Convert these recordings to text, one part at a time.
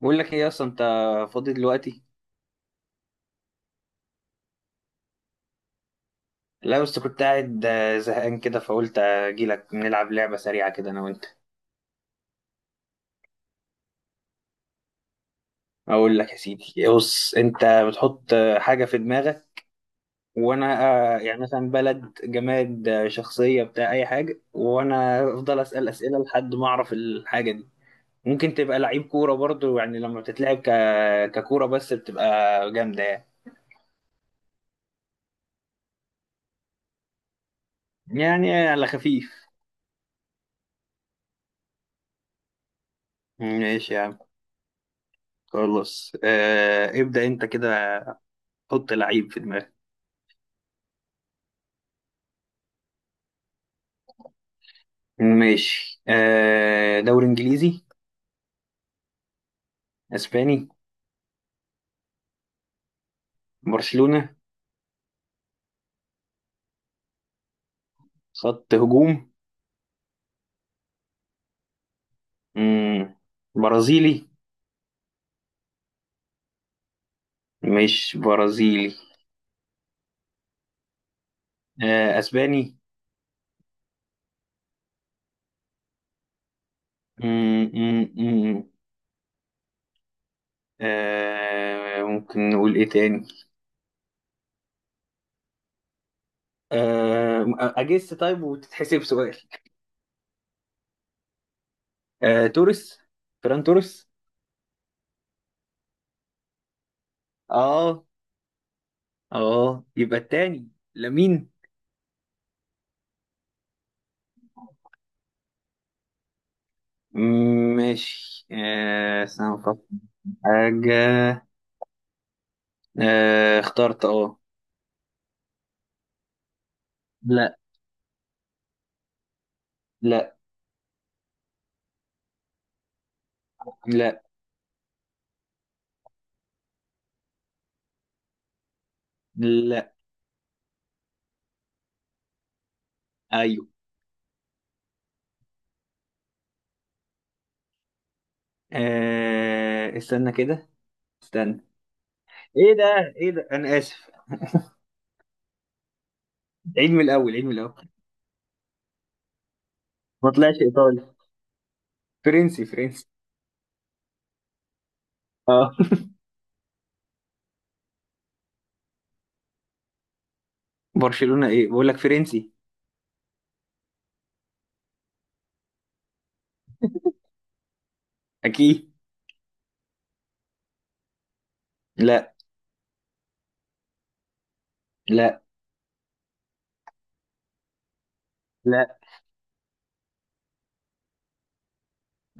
بقول لك ايه، اصلا انت فاضي دلوقتي؟ لا، بس كنت قاعد زهقان كده، فقلت اجي لك نلعب لعبه سريعه كده انا وانت. اقول لك يا سيدي. بص، انت بتحط حاجه في دماغك، وانا يعني مثلا بلد، جماد، شخصيه، بتاع اي حاجه، وانا افضل اسال اسئله لحد ما اعرف الحاجه دي. ممكن تبقى لعيب كوره برضو، يعني لما بتتلعب ككوره بس بتبقى جامده يعني. يعني على خفيف. ماشي يا عم، خلاص. ابدأ انت كده. حط لعيب في دماغك. ماشي. دوري انجليزي؟ اسباني؟ برشلونة. خط هجوم. مم. برازيلي؟ مش برازيلي؟ آه، اسباني؟ مم. مم. مم. ممكن نقول ايه تاني؟ اجس طيب وتتحسب سؤال؟ توريس؟ فران توريس؟ اه. اه يبقى التاني. لامين. مم، ماشي. استنى أفكر. في حاجة. آه، اخترت. اه. لا. لا. لا. لا. ايوه. استنى كده، استنى. ايه ده؟ ايه ده؟ انا اسف. عيد من الاول، عيد من الاول. ما طلعش ايطالي. فرنسي، فرنسي. اه. برشلونة ايه؟ بقول لك فرنسي. اكيد. لا. لا. لا.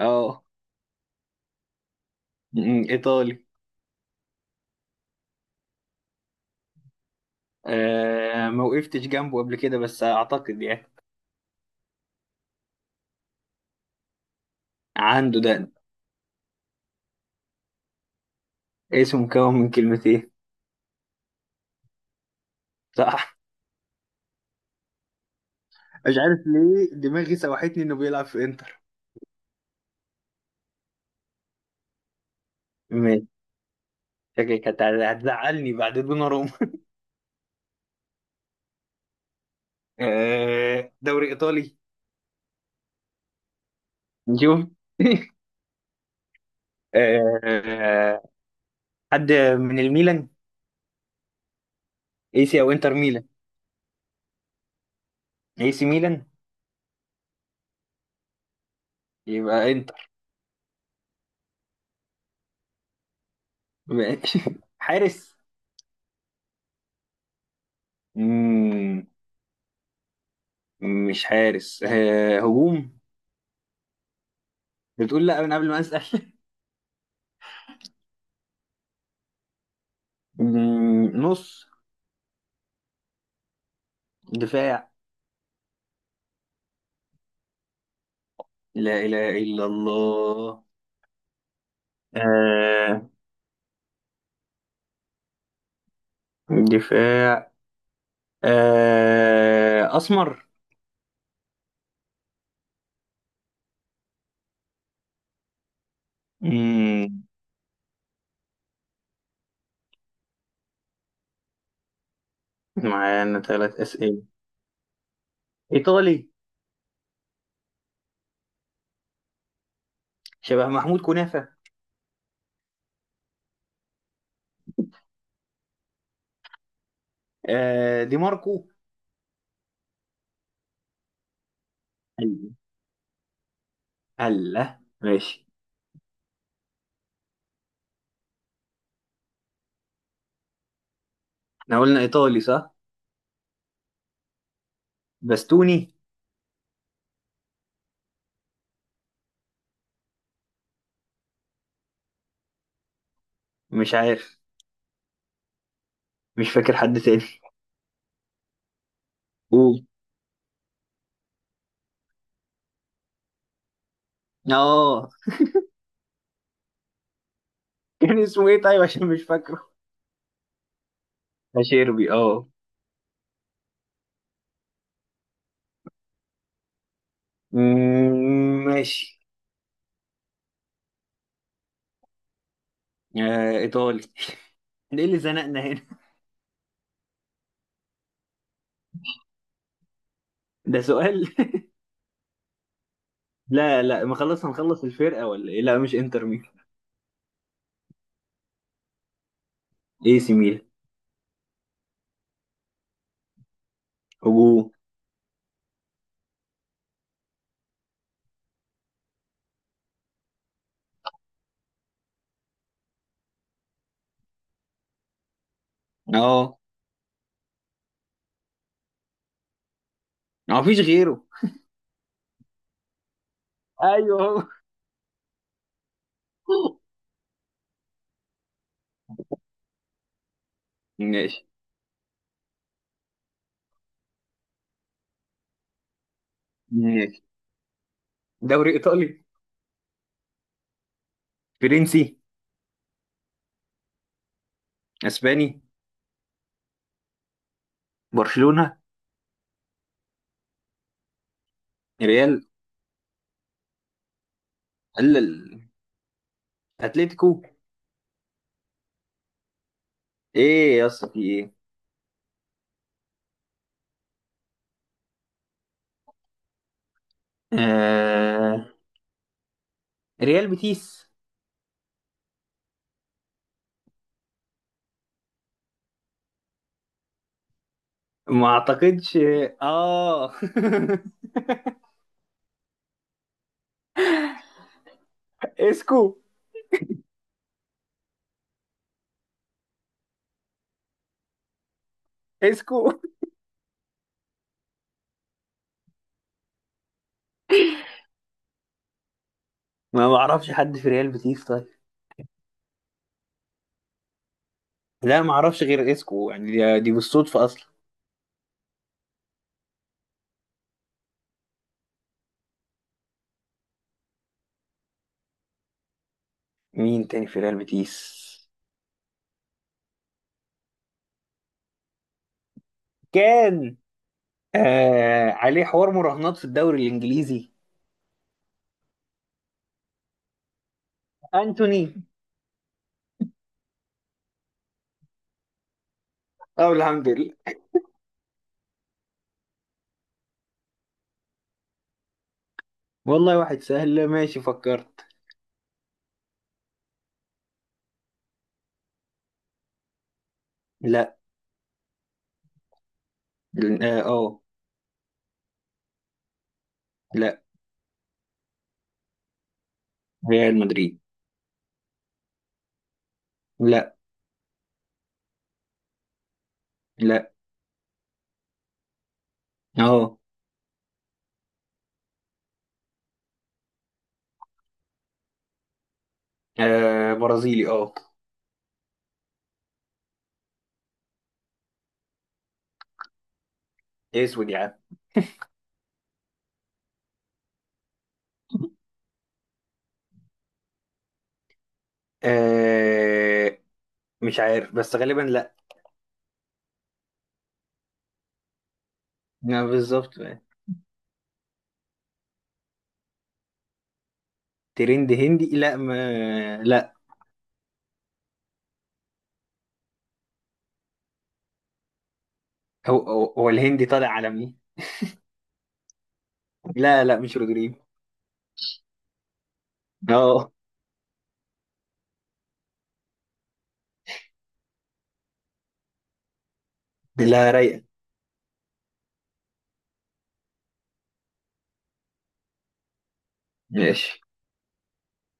اه. ايطالي. ما وقفتش جنبه قبل كده بس اعتقد يعني. عنده ده. اسمه مكون من كلمتين. صح. مش عارف ليه دماغي سوحتني انه بيلعب في انتر. ماشي. شكلك هتزعلني بعد دوناروما. دوري ايطالي. نشوف. آه، حد من الميلان؟ اي سي او انتر ميلان؟ اي سي ميلان؟ يبقى انتر؟ ماشي. حارس؟ مم، مش حارس، هجوم؟ بتقول لا من قبل ما اسال. نص؟ دفاع؟ لا اله الا الله. آه، دفاع. اسمر؟ مم، معانا ثلاث اسئله؟ ايطالي؟ شبه محمود كنافه. دي ماركو؟ أيوة. الله، ماشي. احنا قلنا ايطالي، صح؟ بستوني؟ مش عارف. مش فاكر حد تاني. قول. اه. كان اسمه ايه طيب؟ عشان مش فاكره. اشيربي. اه. ماشي. ايطالي. ده ايه اللي زنقنا هنا؟ ده سؤال؟ لا لا، ما خلص، هنخلص الفرقه ولا ايه؟ لا مش انتر ميلان. اي سي ميلان. هجوم. اه، ما فيش غيره. ايوه. هو. ماشي. ماشي. دوري ايطالي؟ فرنسي؟ اسباني؟ برشلونة؟ ريال؟ قال ال- اتلتيكو. ايه يا اسطى، في ايه؟ آه... ريال بيتيس؟ ما اعتقدش. اه. اسكو؟ اسكو؟ ما بعرفش حد في ريال بيتيس طيب. لا، ما اعرفش غير اسكو، يعني دي بالصدفة اصلا. مين تاني في ريال بيتيس؟ كان عليه حوار مراهنات في الدوري الانجليزي. انتوني. اه، الحمد لله. والله، واحد سهل، ماشي فكرت. لا. اه. لا. ريال مدريد. لا. لا. اهو. برازيلي. اه. اسود يا عم. آه مش عارف بس غالبا لا. لا، بالظبط. ترند هندي؟ لا، ما لا. هو هو هو الهندي طالع عالمي. لا لا، مش رودريجو. اه. لا رايقه. ماشي